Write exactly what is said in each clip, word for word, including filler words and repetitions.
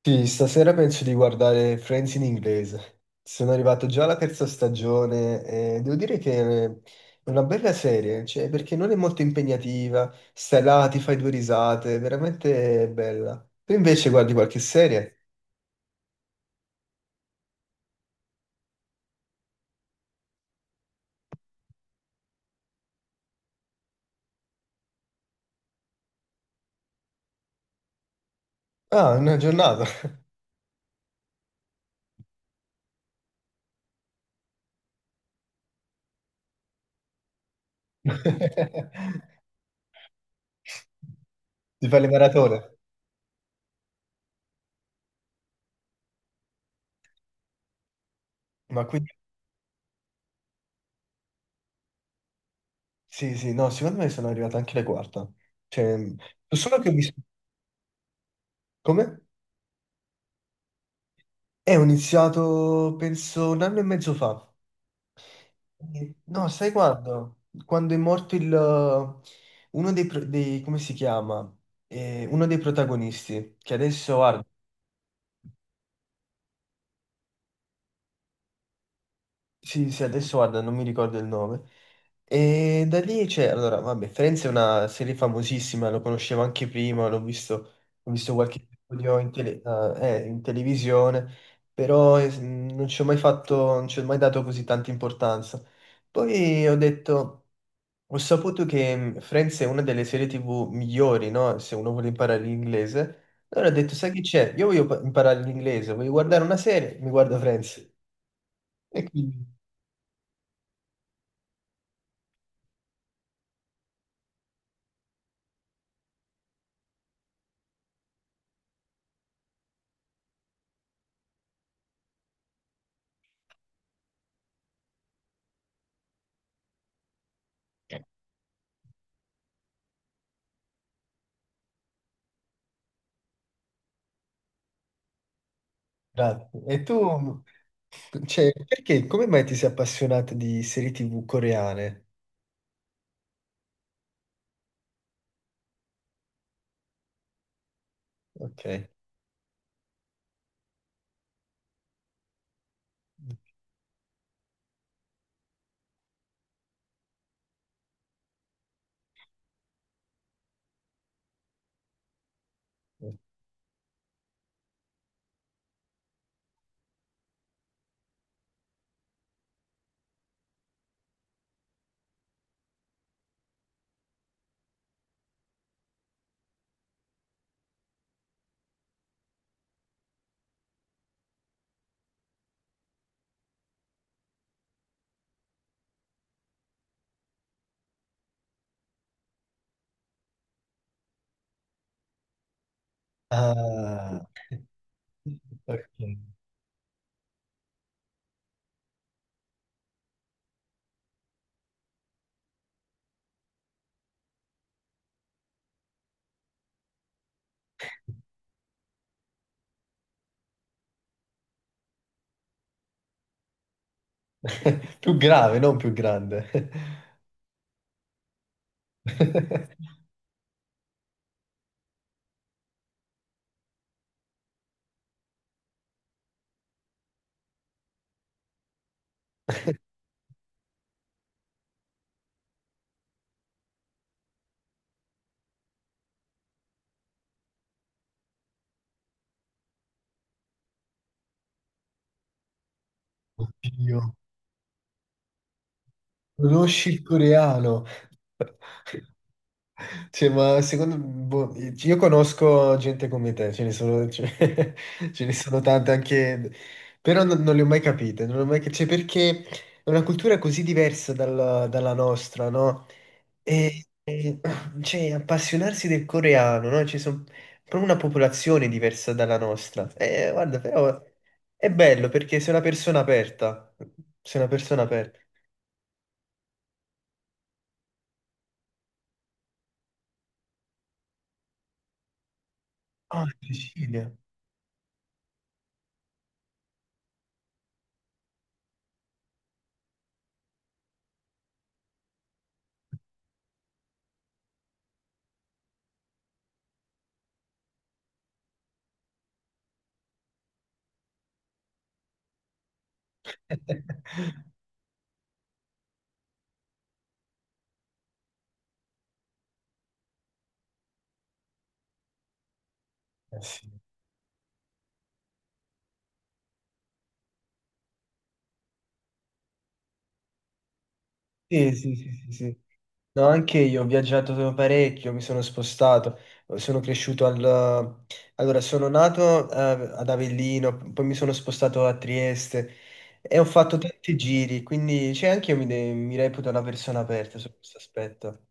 Sì, stasera penso di guardare Friends in inglese. Sono arrivato già alla terza stagione e devo dire che è una bella serie, cioè, perché non è molto impegnativa, stai là, ti fai due risate, è veramente bella. Tu invece guardi qualche serie? Ah, una giornata. Ti fai le maratone. Ma quindi, sì, sì, no, secondo me sono arrivato anche alla quarta. Cioè, so solo che ho visto... Come? Eh, ho iniziato, penso, un anno e mezzo fa. No, sai quando? Quando è morto il, uh, uno dei, pro- dei- come si chiama? Eh, uno dei protagonisti, che adesso guarda, sì, sì, adesso guarda, non mi ricordo il nome. E da lì c'è, allora, vabbè, Friends è una serie famosissima, lo conoscevo anche prima, l'ho visto, ho visto qualche episodio in, tele- eh, eh, in televisione, però eh, non ci ho mai fatto, non ci ho mai dato così tanta importanza. Poi ho detto... Ho saputo che mh, Friends è una delle serie T V migliori, no? Se uno vuole imparare l'inglese. Allora ho detto, sai che c'è? Io voglio pa- imparare l'inglese, voglio guardare una serie, mi guardo Friends. E quindi, grazie. E tu, mh, cioè, perché, come mai ti sei appassionato di serie T V coreane? Ok. Ah, ok. Più grave, non più grande. Oddio, conosci il coreano? Cioè, ma secondo boh, io conosco gente come te, ce ne sono, ce- ce ne sono tante anche, però non, non le ho mai capite, non le ho mai cap- cioè, perché è una cultura così diversa dalla dalla nostra, no? E, e, cioè, appassionarsi del coreano, no? Ci sono proprio una popolazione diversa dalla nostra. E, guarda, però è bello perché sei una persona aperta, sei una persona aperta. Ah, in Sicilia. Eh sì. Sì, sì, sì, sì, sì. No, anche io ho viaggiato parecchio, mi sono spostato, sono cresciuto al... Allora, sono nato eh, ad Avellino, poi mi sono spostato a Trieste e ho fatto tanti giri, quindi cioè, anche io mi, de- mi reputo una persona aperta su questo aspetto.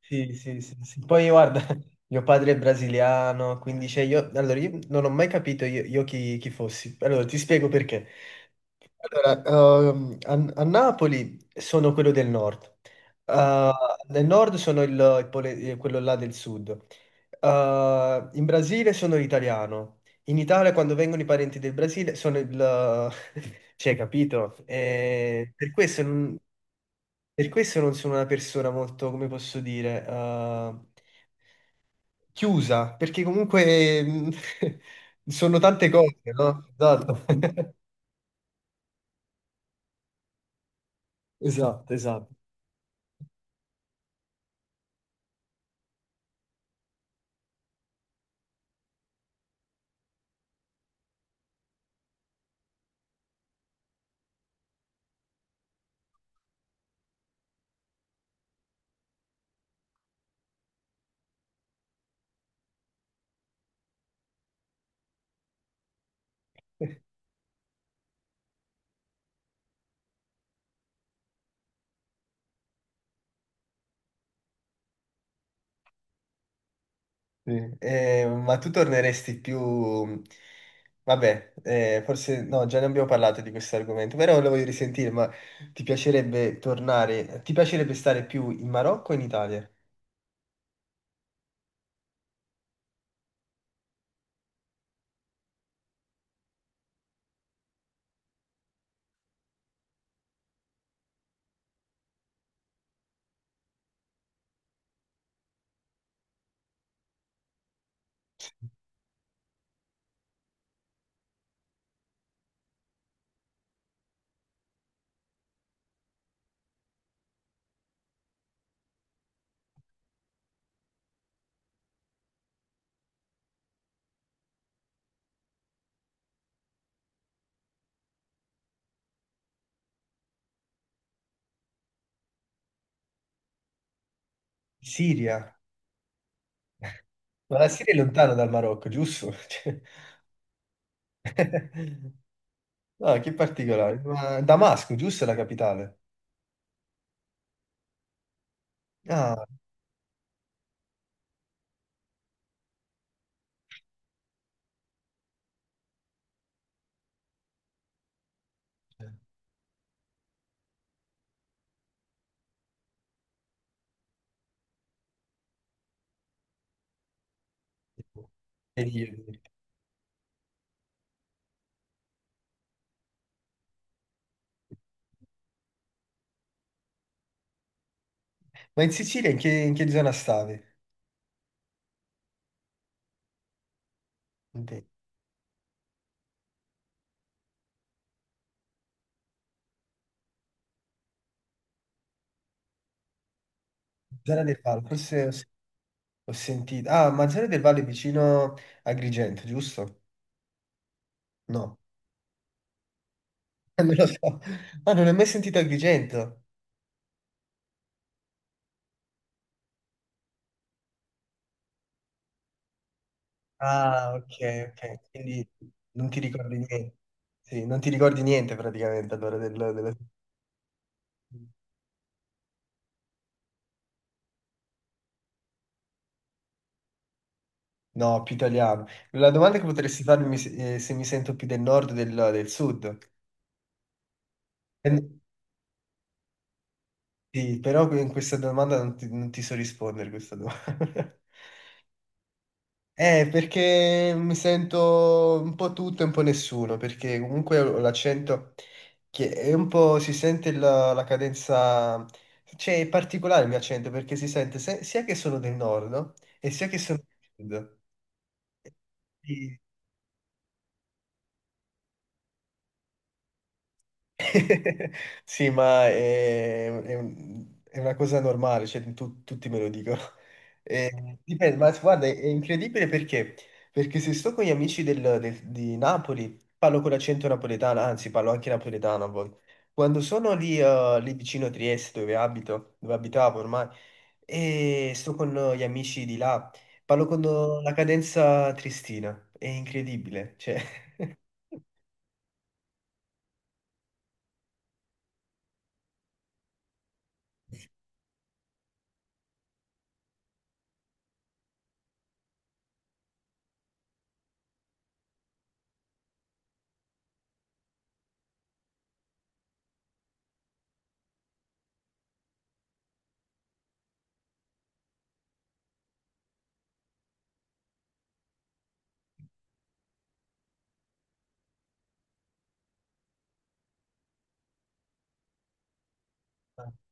Sì, sì, sì, sì. Poi guarda, mio padre è brasiliano, quindi cioè, io, allora, io non ho mai capito io, io chi, chi fossi. Allora, ti spiego perché. Allora, ehm, a, a Napoli sono quello del nord. Eh, nel nord sono il, il pole- eh, quello là del sud. Eh, in Brasile sono l'italiano, in Italia quando vengono i parenti del Brasile sono il... cioè, capito? Eh, per questo non... Per questo non sono una persona molto, come posso dire, eh, chiusa, perché comunque mm, sono tante cose, no? Esatto. Esatto, esatto. Sì. Eh, ma tu torneresti più... Vabbè, eh, forse no, già ne abbiamo parlato di questo argomento, però lo voglio risentire, ma ti piacerebbe tornare, ti piacerebbe stare più in Marocco o in Italia? Siria? Ma la Siria è lontano dal Marocco, giusto? Cioè, no, che particolare. Ma Damasco, giusto, è la capitale? Ah, e io. Ma in Sicilia in che, in che zona stavi? In te- zona del Palo, forse ho sentito. Ah, Manzano del Valle è vicino a Agrigento, giusto? No, non lo so. Ah, non ho mai sentito Agrigento. Ah, ok, ok. Quindi non ti ricordi niente. Sì, non ti ricordi niente praticamente allora del, del- no, più italiano. La domanda che potresti farmi eh, se mi sento più del nord o del, del sud? Eh, sì, però in questa domanda non ti, non ti so rispondere questa domanda. Eh, perché mi sento un po' tutto e un po' nessuno, perché comunque ho l'accento che è un po' si sente la, la cadenza, cioè è particolare il mio accento perché si sente se- sia che sono del nord no? E sia che sono del sud. Sì, ma è, è un- è una cosa normale, cioè, tu- tutti me lo dicono. Eh, dipende, ma guarda, è incredibile perché? Perché se sto con gli amici del- del- di Napoli, parlo con l'accento napoletano, anzi parlo anche napoletano a volte. Quando sono lì, eh, lì vicino a Trieste, dove abito, dove abitavo ormai, e sto con eh, gli amici di là, parlo con eh, la cadenza triestina, è incredibile, cioè...